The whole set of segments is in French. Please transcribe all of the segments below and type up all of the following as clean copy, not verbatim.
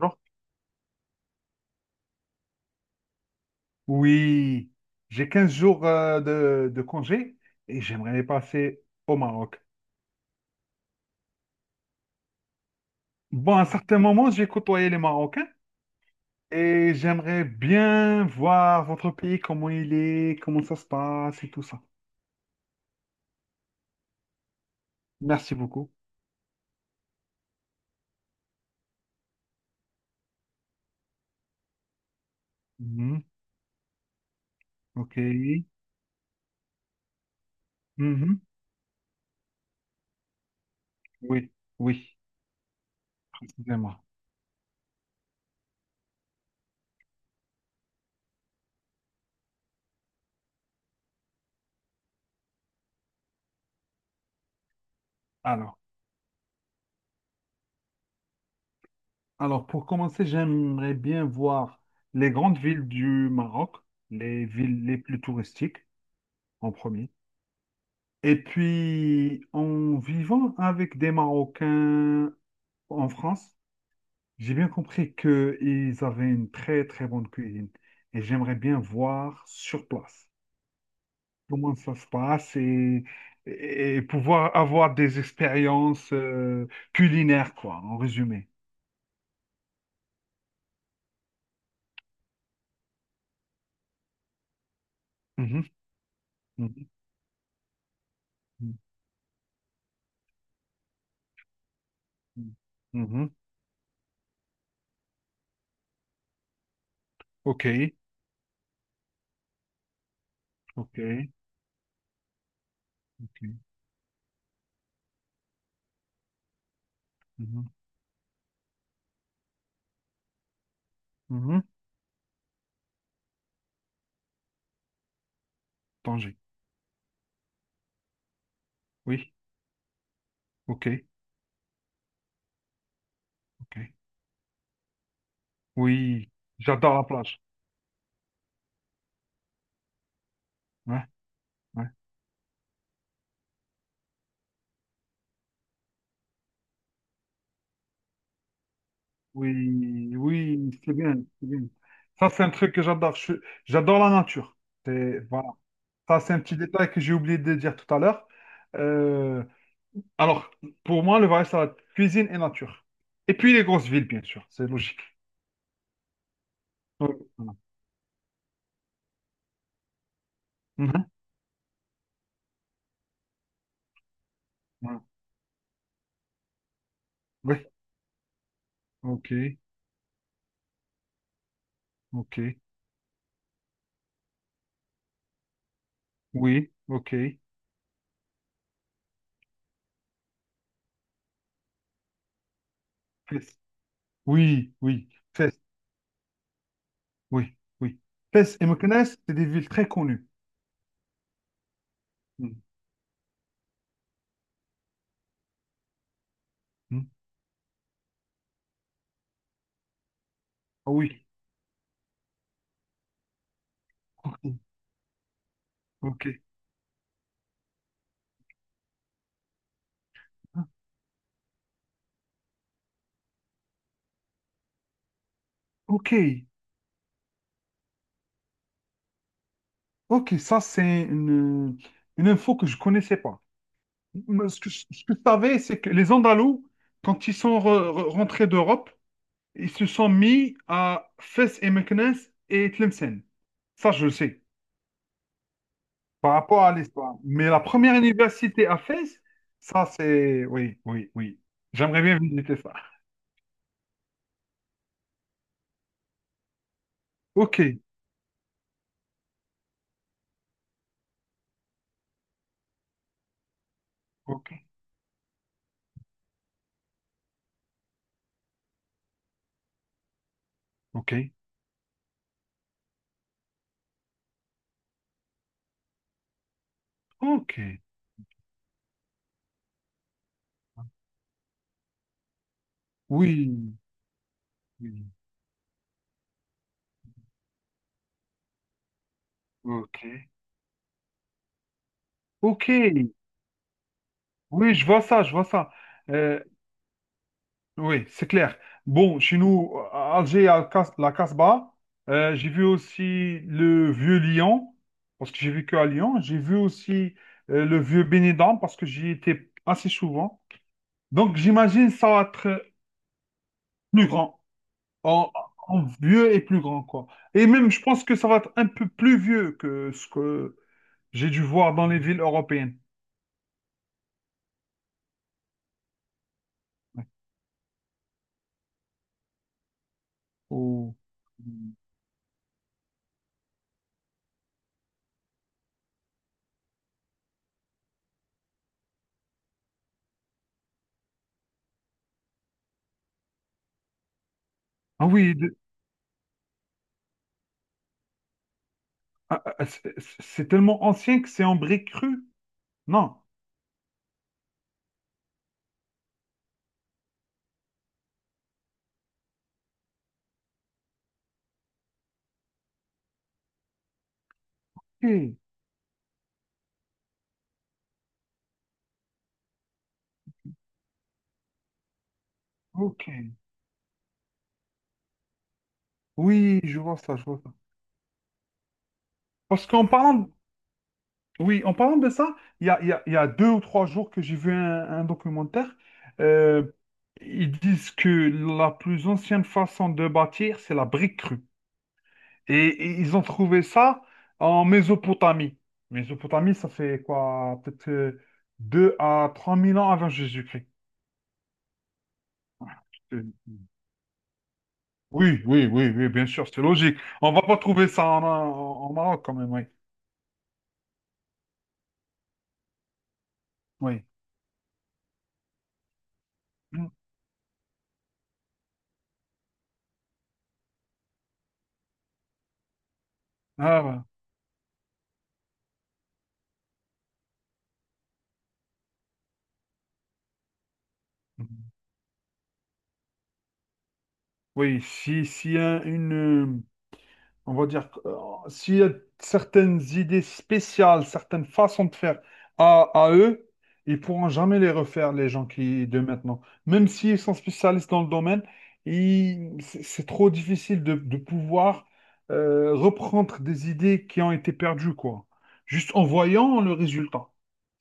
Jours? Oui, j'ai 15 jours de congé et j'aimerais les passer au Maroc. Bon, à un certain moment, j'ai côtoyé les Marocains et j'aimerais bien voir votre pays, comment il est, comment ça se passe et tout ça. Merci beaucoup. Mhm, ok. Mhm, oui, oui, précisément. Alors, alors, pour commencer, j'aimerais bien voir les grandes villes du Maroc, les villes les plus touristiques en premier. Et puis, en vivant avec des Marocains en France, j'ai bien compris qu'ils avaient une très, très bonne cuisine. Et j'aimerais bien voir sur place comment ça se passe et pouvoir avoir des expériences culinaires, quoi, en résumé. Mhm, mhm, mhm, mhm. OK, OK, OK. Mhm, mhm. Tanger, oui, OK, OK. Oui, j'adore la plage. Ouais, ouais. Oui, oui, c'est bien, c'est bien. Ça, c'est un truc que j'adore. J'adore la nature. C'est, voilà. Ça, c'est un petit détail que j'ai oublié de dire tout à l'heure. Euh, alors, pour moi, le voyage, ça va être cuisine et nature. Et puis les grosses villes, bien sûr, c'est logique. Ouais, voilà. Mhm. Ouais. Oui, ok, ok, oui, ok. Fès. Oui, oui, Fès, oui, oui. Fès et Meknès, c'est des villes très connues. Mhm. Mhm. Ah oui, ok, ok. Ah, ok, ok, ça c'est une info que je connaissais pas. Mais ce que je savais, c'est que les Andalous, quand ils sont rentrés d'Europe, ils se sont mis à Fès et Meknès et Tlemcen. Ça, je le sais, par rapport à l'histoire. Mais la première université à Fès, ça c'est... Oui, oui, oui. J'aimerais bien visiter ça. Ok, ok, ok, ok. Oui, oui, ok, ok. Oui, je vois ça, je vois ça. Euh, Oui, c'est clair. Bon, chez nous, à Alger, il y a le la Casbah. J'ai vu aussi le vieux Lyon, parce que j'ai vécu à Lyon. J'ai vu aussi le vieux Bénédent, parce que j'y étais assez souvent. Donc, j'imagine ça va être plus grand, en, en vieux et plus grand, quoi. Et même, je pense que ça va être un peu plus vieux que ce que j'ai dû voir dans les villes européennes. Ouais. Ou- Ah oui, de- ah, c'est tellement ancien que c'est en briques crues. Non. Ok. Ok. Oui, je vois ça, je vois ça. Parce qu'en parlant, de- oui, en parlant de ça, il y a 2 ou 3 jours que j'ai vu un documentaire. euh, Ils disent que la plus ancienne façon de bâtir, c'est la brique crue. Et ils ont trouvé ça en Mésopotamie. Mésopotamie, ça fait quoi? Peut-être 2 000 à 3 000 ans avant Jésus-Christ. Euh, Oui, oui, oui, oui, bien sûr, c'est logique. On va pas trouver ça en Maroc quand même, oui. Oui. Mm. Ah, ouais. Mm. Oui, si, une, on va dire, s'il y a certaines idées spéciales, certaines façons de faire à eux, ils pourront jamais les refaire, les gens qui, de maintenant. Même s'ils sont spécialistes dans le domaine, c'est trop difficile de pouvoir reprendre des idées qui ont été perdues, quoi. Juste en voyant le résultat.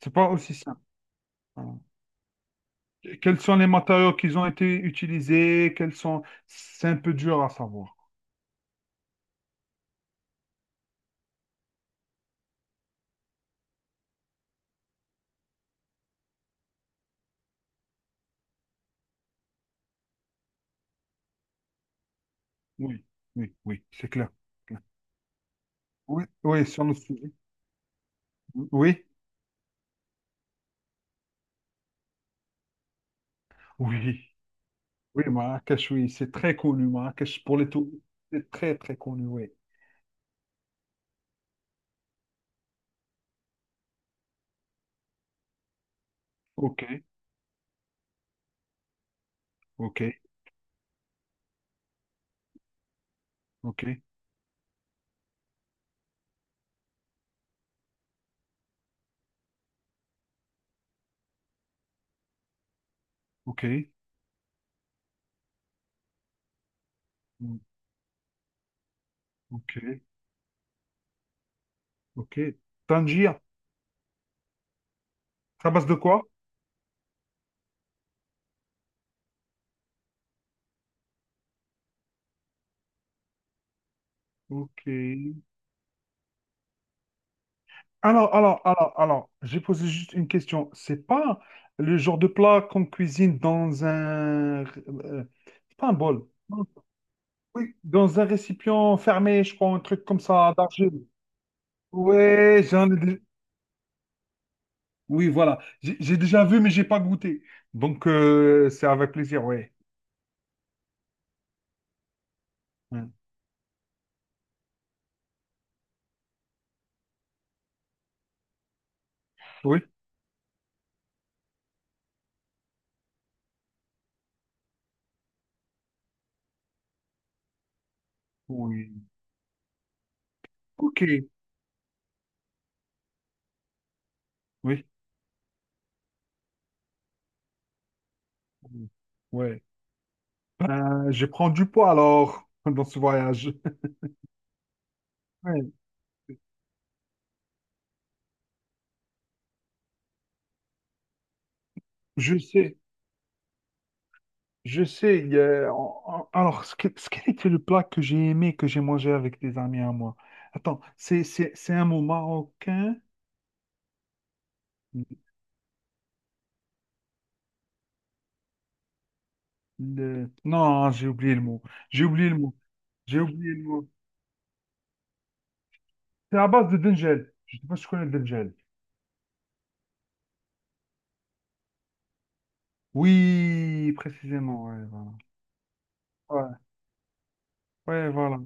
C'est pas aussi simple. Voilà. Quels sont les matériaux qui ont été utilisés, quels sont... C'est un peu dur à savoir. Oui, oui, oui, c'est clair. Clair. Oui, oui, sur le sujet. Oui, oui, oui, Marrakech, oui, c'est très connu, Marrakech, pour les touristes, c'est très, très connu, oui. Ok, ok, ok, ok, mm, ok, ok. Tangier, ça base de quoi? Ok. Alors, j'ai posé juste une question. C'est pas le genre de plat qu'on cuisine dans un... c'est pas un bol. Non. Oui, dans un récipient fermé, je crois, un truc comme ça, d'argile. Ouais, j'en ai dé- Oui, voilà. J'ai déjà vu, mais j'ai pas goûté. Donc, c'est avec plaisir, ouais. Ouais. Oui. Oui. Ok. Oui. Ouais. Ben, je prends du poids alors dans ce voyage. Ouais. Je sais, je sais. Il y a- en- en- Alors, ce quel était le plat que j'ai aimé, que j'ai mangé avec des amis à moi? Attends, c'est un mot marocain? Non, j'ai oublié le mot. J'ai oublié le mot. J'ai oublié le mot. C'est à base de Dengel. Je sais pas si tu connais le Dengel. Oui, précisément. Ouais, voilà. Ouais, ouais, voilà.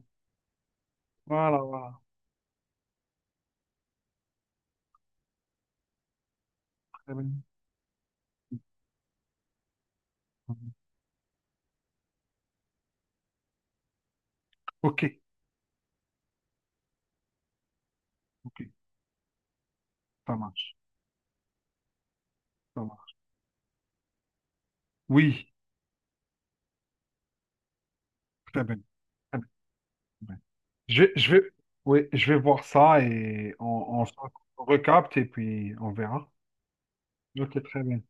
Voilà, voilà. Très bien. Ok, ok. Ça marche. Ça marche. Oui, très bien. Très bien, très bien. Je vais, oui, je vais voir ça et on se recapte et puis on verra. Ok, très bien.